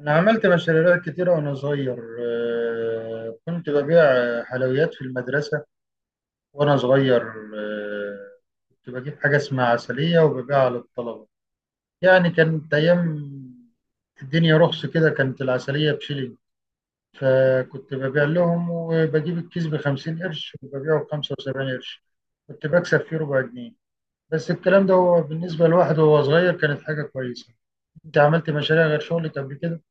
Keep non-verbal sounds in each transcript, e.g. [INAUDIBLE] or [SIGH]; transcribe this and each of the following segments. أنا عملت مشاريع كتيرة وأنا صغير، كنت ببيع حلويات في المدرسة وأنا صغير. آه، كنت بجيب حاجة اسمها عسلية وببيعها للطلبة. يعني كانت أيام الدنيا رخص كده، كانت العسلية بشيلين، فكنت ببيع لهم وبجيب الكيس ب50 قرش وببيعه ب75 قرش. كنت بكسب فيه ربع جنيه. بس الكلام ده، هو بالنسبة لواحد وهو صغير، كانت حاجة كويسة. أنت عملت مشاريع غير شغلك قبل كده؟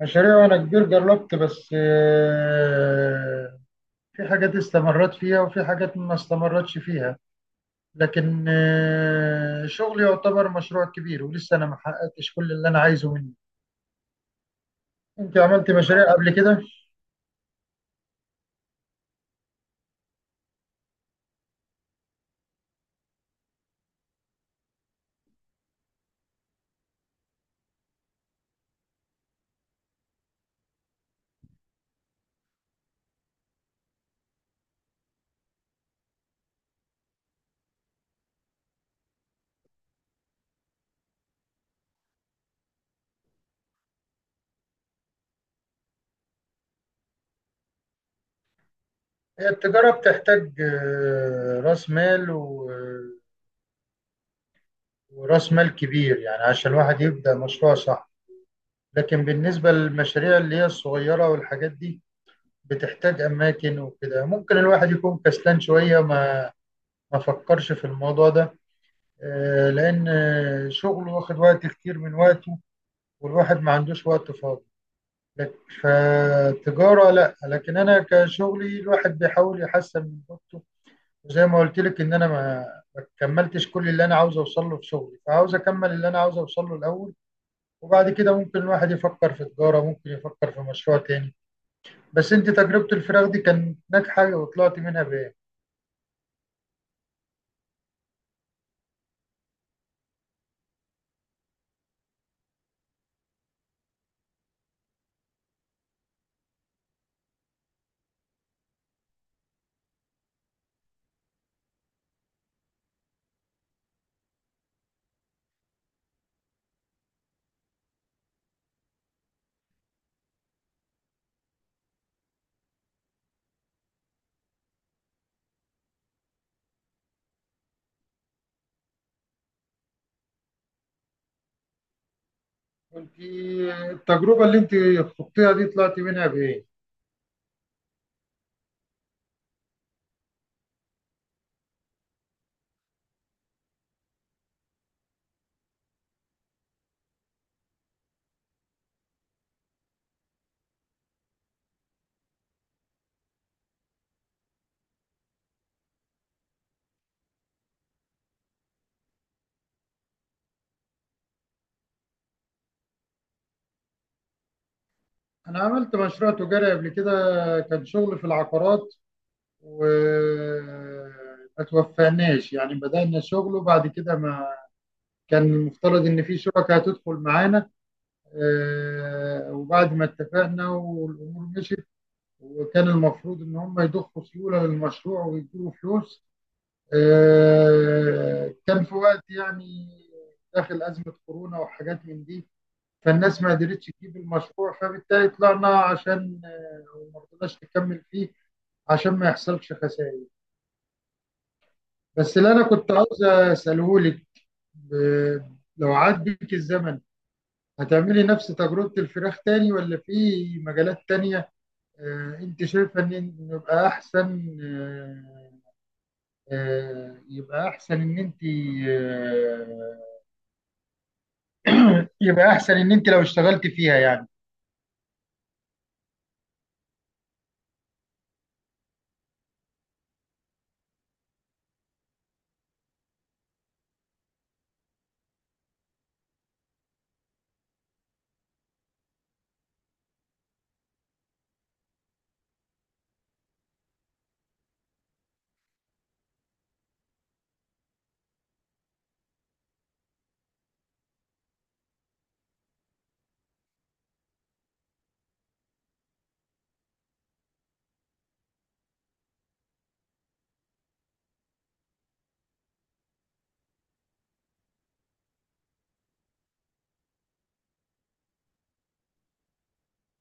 مشاريع وانا كبير جربت، بس في حاجات استمرت فيها وفي حاجات ما استمرتش فيها. لكن شغلي يعتبر مشروع كبير، ولسه انا ما حققتش كل اللي انا عايزه منه. انت عملت مشاريع قبل كده؟ هي التجارة بتحتاج راس مال وراس مال كبير، يعني عشان الواحد يبدأ مشروع صح. لكن بالنسبة للمشاريع اللي هي الصغيرة والحاجات دي، بتحتاج أماكن وكده. ممكن الواحد يكون كسلان شوية، ما فكرش في الموضوع ده. لأن شغله واخد وقت كتير من وقته، والواحد ما عندوش وقت فاضي. لك- فالتجارة لا، لكن أنا كشغلي الواحد بيحاول يحسن من جودته. وزي ما قلت لك، إن أنا ما كملتش كل اللي أنا عاوز أوصل له في شغلي، فعاوز أكمل اللي أنا عاوز أوصل له الأول. وبعد كده ممكن الواحد يفكر في تجارة، ممكن يفكر في مشروع تاني. بس أنت، تجربة الفراخ دي كانت ناجحة وطلعت منها بإيه؟ أنت، التجربة اللي أنت خضتيها دي، طلعت منها بإيه؟ أنا عملت مشروع تجاري قبل كده، كان شغل في العقارات، وما توفقناش. يعني بدأنا شغل وبعد كده ما، كان المفترض إن في شركة هتدخل معانا. وبعد ما اتفقنا والأمور مشيت، وكان المفروض إن هم يضخوا سيولة للمشروع ويدوا فلوس. كان في وقت يعني داخل أزمة كورونا وحاجات من دي. فالناس ما قدرتش تجيب المشروع، فبالتالي طلعنا عشان وما رضيناش نكمل فيه عشان ما يحصلش خسائر. بس اللي انا كنت عاوز اساله لك: ب- لو عاد بيك الزمن، هتعملي نفس تجربة الفراخ تاني ولا في مجالات تانية؟ انت شايفة إن يبقى احسن، آه، آه، يبقى احسن ان انت آه، [CLEARS THROAT] يبقى احسن ان انت لو اشتغلت فيها يعني.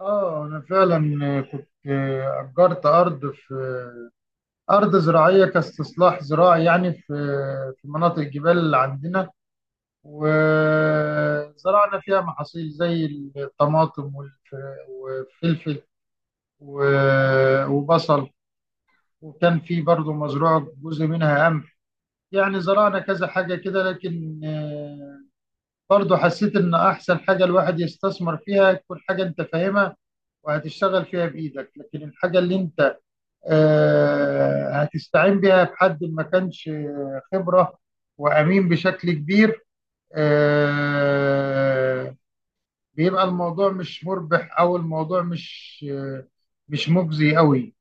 اه، انا فعلا كنت اجرت ارض في ارض زراعيه كاستصلاح زراعي، يعني في مناطق الجبال اللي عندنا، وزرعنا فيها محاصيل زي الطماطم والفلفل و- وبصل. وكان في برضو مزروع جزء منها قمح، يعني زرعنا كذا حاجه كده. لكن برضو حسيت ان احسن حاجه الواحد يستثمر فيها تكون حاجه انت فاهمها، وهتشتغل فيها بايدك. لكن الحاجه اللي انت هتستعين بيها بحد ما كانش خبرة وأمين بشكل كبير، آه، بيبقى الموضوع مش مربح، أو الموضوع مش مجزي قوي.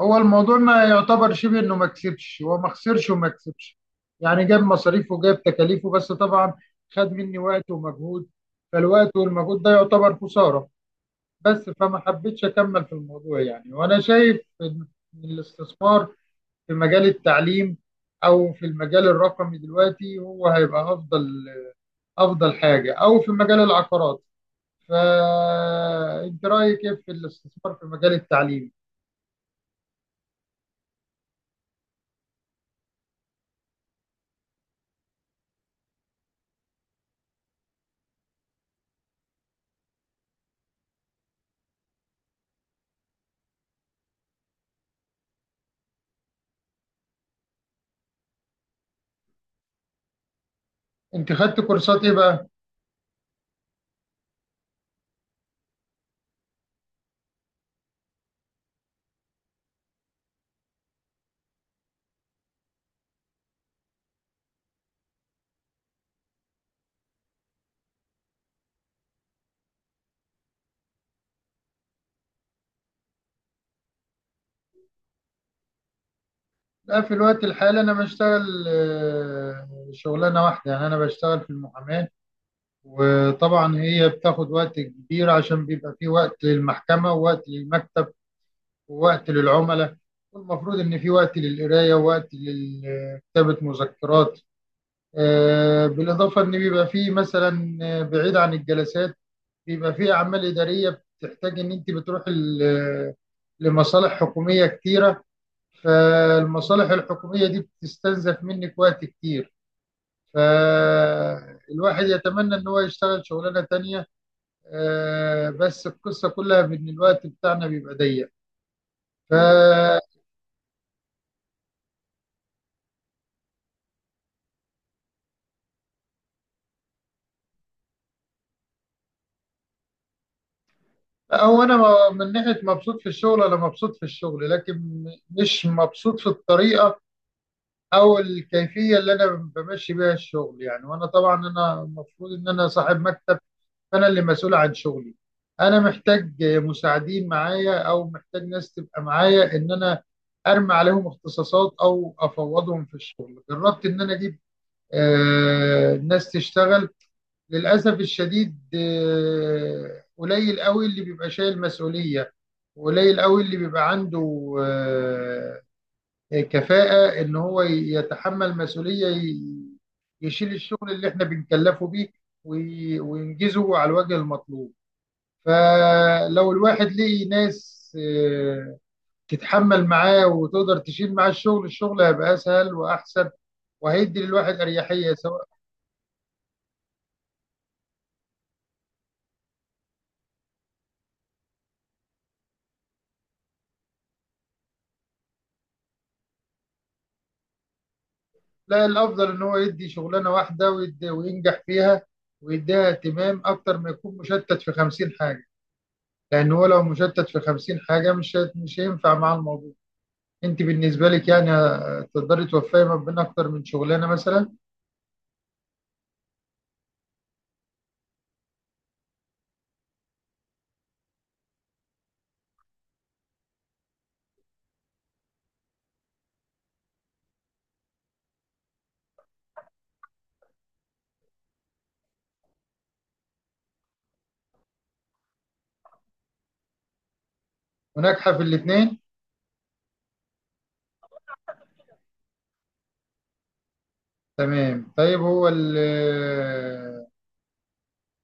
هو الموضوع ما يعتبر، شبه إنه ما كسبش. هو ما خسرش وما كسبش، يعني جاب مصاريفه وجاب تكاليفه، بس طبعا خد مني وقت ومجهود. فالوقت والمجهود ده يعتبر خسارة. بس فما حبيتش أكمل في الموضوع يعني. وأنا شايف إن الاستثمار في مجال التعليم، او في المجال الرقمي دلوقتي، هو هيبقى افضل حاجه، او في مجال العقارات. فانت رايك ايه في الاستثمار في مجال التعليم؟ انت خدت كورسات ايه بقى؟ لا، في الوقت الحالي انا بشتغل شغلانه واحده، يعني انا بشتغل في المحاماه. وطبعا هي بتاخد وقت كبير، عشان بيبقى في وقت للمحكمه، ووقت للمكتب، ووقت للعملاء. والمفروض ان في وقت للقرايه، ووقت لكتابه مذكرات. بالإضافة إن بيبقى فيه مثلا، بعيد عن الجلسات، بيبقى فيه أعمال إدارية بتحتاج إن أنت بتروح لمصالح حكومية كتيرة. فالمصالح الحكومية دي بتستنزف منك وقت كتير. فالواحد يتمنى إن هو يشتغل شغلانة تانية، بس القصة كلها بإن الوقت بتاعنا بيبقى ضيق. ف أو أنا من ناحية مبسوط في الشغل، أنا مبسوط في الشغل، لكن مش مبسوط في الطريقة او الكيفيه اللي انا بمشي بيها الشغل يعني. وانا طبعا، انا المفروض ان انا صاحب مكتب، فانا اللي مسؤول عن شغلي. انا محتاج مساعدين معايا، او محتاج ناس تبقى معايا، ان انا ارمي عليهم اختصاصات او افوضهم في الشغل. جربت ان انا اجيب ناس تشتغل. للاسف الشديد، قليل قوي اللي بيبقى شايل مسؤوليه. قليل قوي اللي بيبقى عنده كفاءة ان هو يتحمل مسؤولية، يشيل الشغل اللي احنا بنكلفه بيه، وينجزه على الوجه المطلوب. فلو الواحد لقي ناس آه، تتحمل معاه وتقدر تشيل معاه الشغل، الشغل هيبقى اسهل واحسن، وهيدي للواحد اريحية سواء. لا، الافضل ان هو يدي شغلانة واحدة، وينجح فيها، ويديها اهتمام اكتر ما يكون مشتت في 50 حاجة. لان هو لو مشتت في 50 حاجة، مش هينفع مع الموضوع. انت بالنسبه لك يعني، تقدري توفقي ما بين اكتر من شغلانه مثلا؟ وناجحه في الاثنين؟ تمام، طيب. هو ال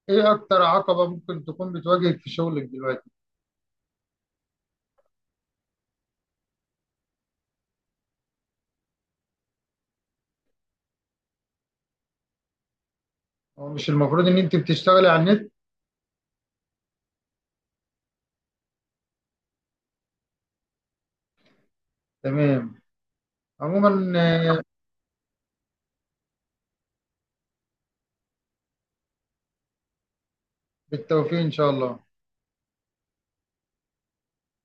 ايه اكتر عقبه ممكن تكون بتواجهك في شغلك دلوقتي؟ هو مش المفروض ان انت بتشتغلي على النت؟ تمام. عموما، بالتوفيق ان شاء الله.